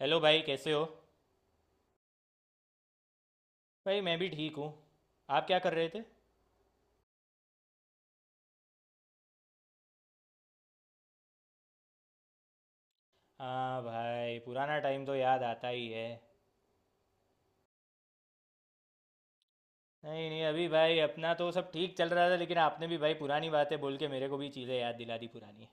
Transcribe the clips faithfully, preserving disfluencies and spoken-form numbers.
Hello भाई, कैसे हो। भाई मैं भी ठीक हूँ। आप क्या कर रहे थे। हाँ भाई, पुराना टाइम तो याद आता ही है। नहीं नहीं अभी भाई अपना तो सब ठीक चल रहा था, लेकिन आपने भी भाई पुरानी बातें बोल के मेरे को भी चीज़ें याद दिला दी पुरानी।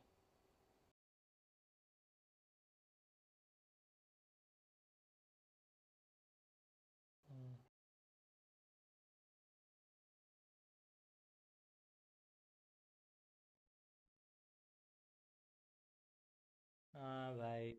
हम्म। हाँ भाई।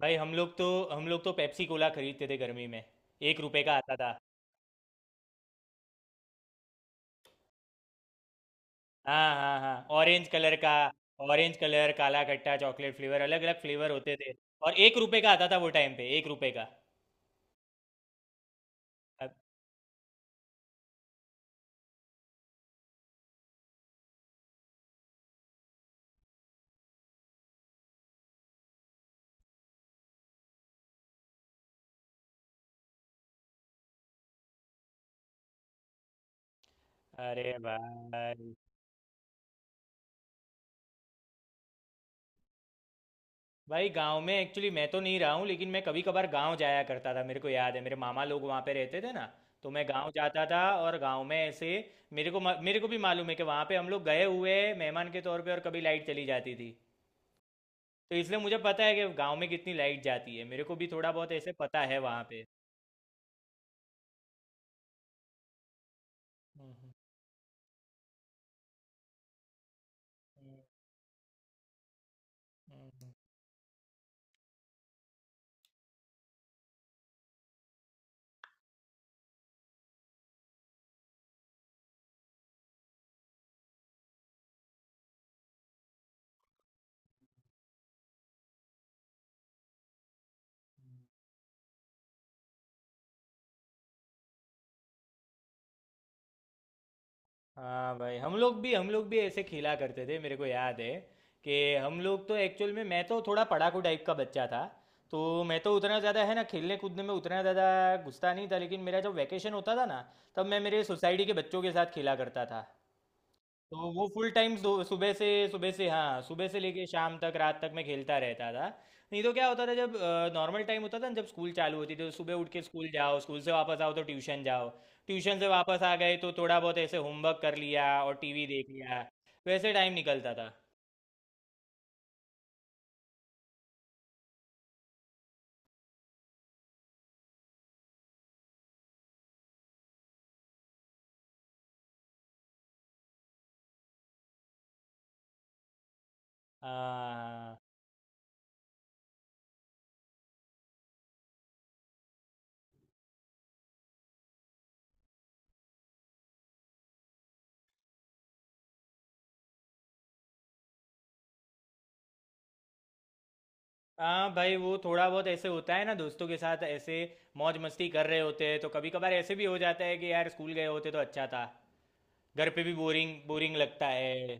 भाई हम लोग तो हम लोग तो पेप्सी कोला खरीदते थे गर्मी में। एक रुपए का आता था। हाँ हाँ हाँ, ऑरेंज कलर का। ऑरेंज कलर, काला खट्टा, चॉकलेट फ्लेवर, अलग अलग फ्लेवर होते थे। और एक रुपए का आता था वो टाइम पे, एक रुपए का। अब- अरे भाई, भाई गांव में एक्चुअली मैं तो नहीं रहा हूँ, लेकिन मैं कभी कभार गांव जाया करता था। मेरे को याद है मेरे मामा लोग वहाँ पे रहते थे ना, तो मैं गांव जाता था। और गांव में ऐसे मेरे को म- मेरे को भी मालूम है कि वहाँ पे हम लोग गए हुए हैं मेहमान के तौर पे, और कभी लाइट चली जाती थी। तो इसलिए मुझे पता है कि गांव में कितनी लाइट जाती है, मेरे को भी थोड़ा बहुत ऐसे पता है वहाँ पे। हम्म, हम्म, हम्म, हम्म। हाँ भाई, हम लोग भी हम लोग भी ऐसे खेला करते थे। मेरे को याद है कि हम लोग तो एक्चुअल में, मैं तो थोड़ा पढ़ाकू टाइप का बच्चा था। तो मैं तो उतना ज़्यादा है ना, खेलने कूदने में उतना ज़्यादा घुसता नहीं था। लेकिन मेरा जब वैकेशन होता था ना, तब मैं मेरे सोसाइटी के बच्चों के साथ खेला करता था। तो वो फुल टाइम सुबह से सुबह से हाँ, सुबह से लेके शाम तक, रात तक मैं खेलता रहता था। नहीं तो क्या होता था, जब नॉर्मल टाइम होता था ना, जब स्कूल चालू होती थी, तो सुबह उठ के स्कूल जाओ, स्कूल से वापस आओ तो ट्यूशन जाओ, ट्यूशन से वापस आ गए तो थोड़ा बहुत ऐसे होमवर्क कर लिया और टीवी देख लिया। वैसे टाइम निकलता था। हाँ। हाँ भाई, वो थोड़ा बहुत ऐसे होता है ना, दोस्तों के साथ ऐसे मौज मस्ती कर रहे होते हैं, तो कभी कभार ऐसे भी हो जाता है कि यार स्कूल गए होते तो अच्छा था। घर पे भी बोरिंग बोरिंग लगता है।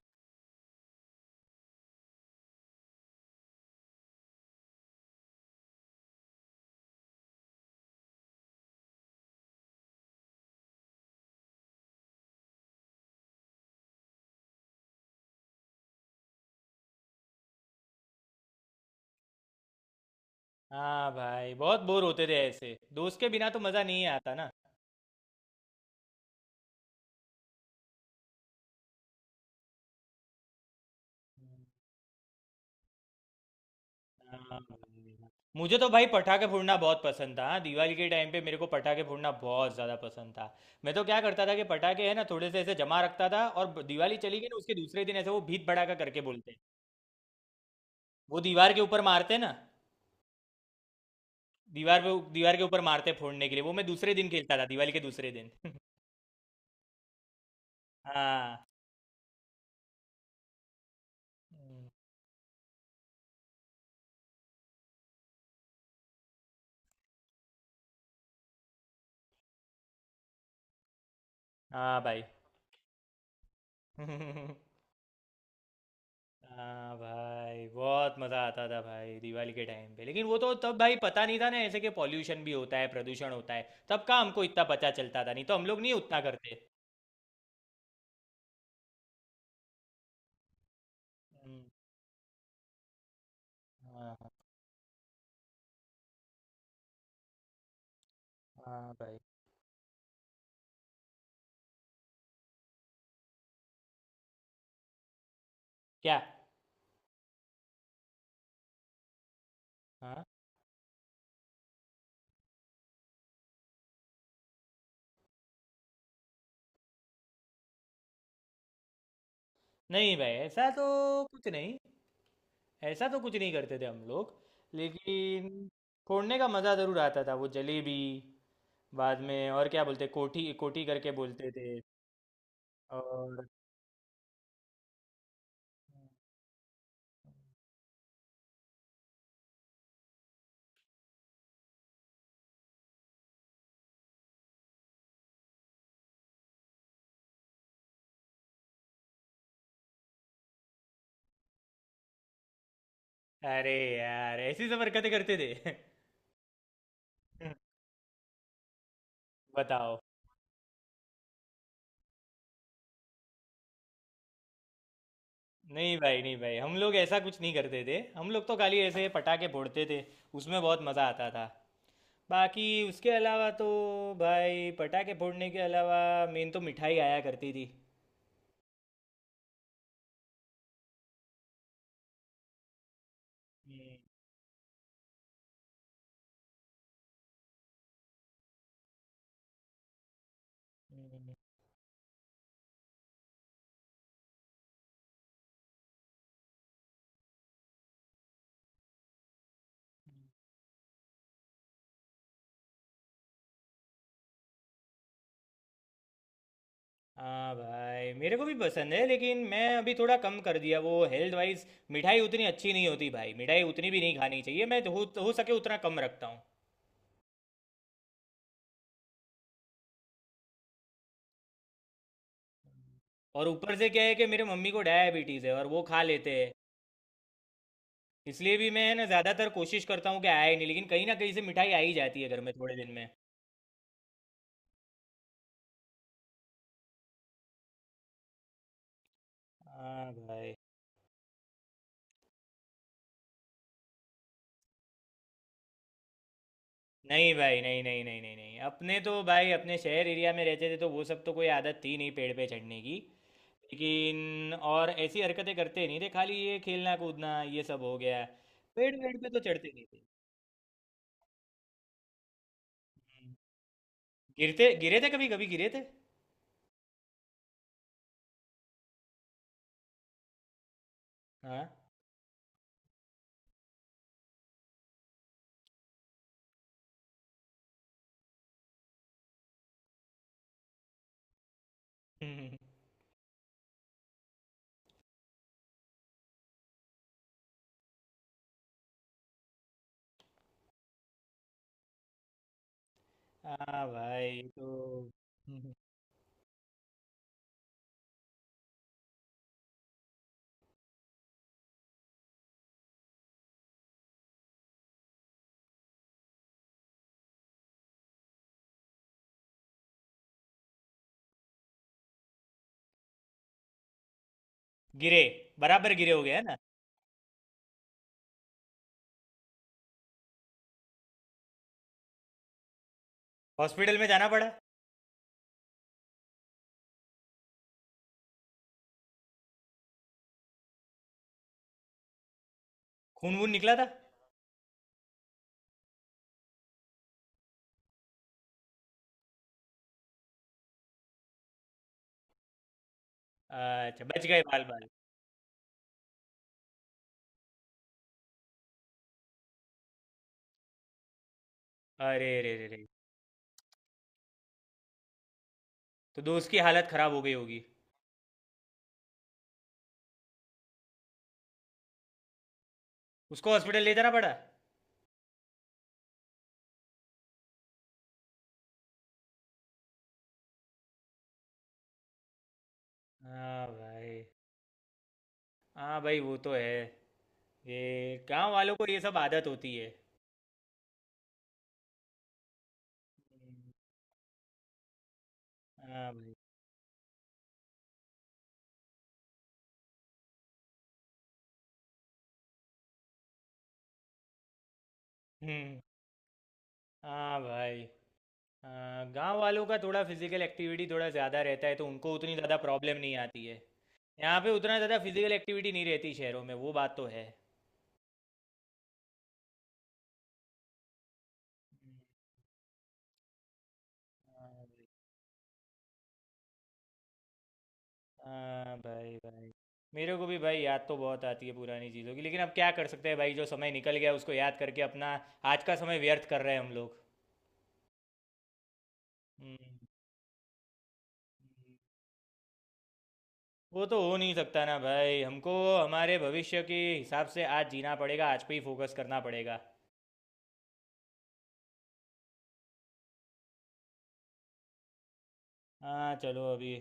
हाँ भाई, बहुत बोर होते थे ऐसे, दोस्त के बिना तो मज़ा नहीं आता ना। हाँ भाई। मुझे तो भाई पटाखे फोड़ना बहुत पसंद था। हाँ, दिवाली के टाइम पे मेरे को पटाखे फोड़ना बहुत ज़्यादा पसंद था। मैं तो क्या करता था कि पटाखे है ना थोड़े से ऐसे जमा रखता था, और ब- दिवाली चली गई ना, उसके दूसरे दिन ऐसे वो भीत भड़ाका करके बोलते हैं। वो दीवार के ऊपर मारते हैं ना, दीवार पे, दीवार के ऊपर मारते हैं फोड़ने के लिए। वो मैं दूसरे दिन खेलता था, दिवाली के दूसरे दिन। हाँ। हम्म। हाँ भाई। हाँ भाई, बहुत मज़ा आता था भाई दिवाली के टाइम पे। लेकिन वो तो तब भाई पता नहीं था ना ऐसे कि पॉल्यूशन भी होता है, प्रदूषण होता है। तब का हमको इतना पता चलता था नहीं, तो हम लोग नहीं उतना करते। हम्म। हाँ हाँ। हाँ भाई। क्या। हाँ। नहीं भाई ऐसा तो कुछ नहीं ऐसा तो कुछ नहीं करते थे हम लोग। लेकिन फोड़ने का मज़ा ज़रूर आता था, वो जलेबी बाद में। और क्या बोलते, कोठी कोठी करके बोलते थे। और अरे यार, ऐसी सब हरकतें करते थे। बताओ। नहीं भाई, नहीं भाई, हम लोग ऐसा कुछ नहीं करते थे। हम लोग तो खाली ऐसे पटाखे फोड़ते थे, उसमें बहुत मज़ा आता था। बाकी उसके अलावा तो भाई, पटाखे फोड़ने के अलावा मेन तो मिठाई आया करती थी। हम्म। हम्म। हम्म। हाँ भाई मेरे को भी पसंद है, लेकिन मैं अभी थोड़ा कम कर दिया वो हेल्थ वाइज। मिठाई उतनी अच्छी नहीं होती भाई, मिठाई उतनी भी नहीं खानी चाहिए। मैं तो हो, हो सके उतना कम रखता हूँ। और ऊपर से क्या है कि मेरे मम्मी को डायबिटीज़ है, और वो खा लेते हैं। इसलिए भी मैं है ना ज़्यादातर कोशिश करता हूँ कि आए नहीं, लेकिन कहीं ना कहीं से मिठाई आ ही जाती है घर में थोड़े दिन में। हाँ भाई। नहीं भाई, नहीं नहीं नहीं नहीं नहीं अपने तो भाई अपने शहर एरिया में रहते थे, तो वो सब तो कोई आदत थी नहीं पेड़ पे चढ़ने की। लेकिन और ऐसी हरकतें करते नहीं थे, खाली ये खेलना कूदना ये सब हो गया। पेड़ पेड़ पे तो चढ़ते नहीं थे। हम्म। गिरते, गिरे थे कभी कभी, गिरे थे। हाँ। हाँ भाई तो। गिरे, बराबर गिरे, हो गया है ना। हॉस्पिटल में जाना पड़ा। खून वून निकला था। अच्छा, बच गए बाल बाल। अरे रे रे रे। तो दोस्त की हालत खराब हो गई होगी। उसको हॉस्पिटल ले जाना पड़ा। हाँ भाई। हाँ भाई वो तो है, ये गांव वालों को ये सब आदत होती है। हाँ भाई। हम्म। हाँ भाई। हाँ, गांव वालों का थोड़ा फिजिकल एक्टिविटी थोड़ा ज़्यादा रहता है, तो उनको उतनी ज़्यादा प्रॉब्लम नहीं आती है। यहाँ पे उतना ज़्यादा फिजिकल एक्टिविटी नहीं रहती शहरों में, वो बात तो है। हाँ। हाँ भाई, भाई मेरे को भी भाई याद तो बहुत आती है पुरानी चीज़ों की, लेकिन अब क्या कर सकते हैं भाई, जो समय निकल गया उसको याद करके अपना आज का समय व्यर्थ कर रहे हैं हम लोग। हम्म। वो तो हो नहीं सकता ना भाई, हमको हमारे भविष्य के हिसाब से आज जीना पड़ेगा, आज पे ही फोकस करना पड़ेगा। हाँ चलो अभी,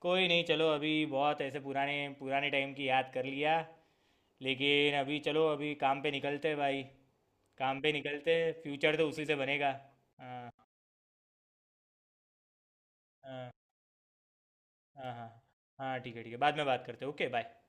कोई नहीं, चलो अभी बहुत ऐसे पुराने पुराने टाइम की याद कर लिया। लेकिन अभी चलो अभी काम पे निकलते हैं भाई, काम पे निकलते हैं, फ्यूचर तो उसी से बनेगा। हाँ। हाँ। हाँ हाँ हाँ ठीक है, ठीक है, बाद में बात करते हैं। Okay bye.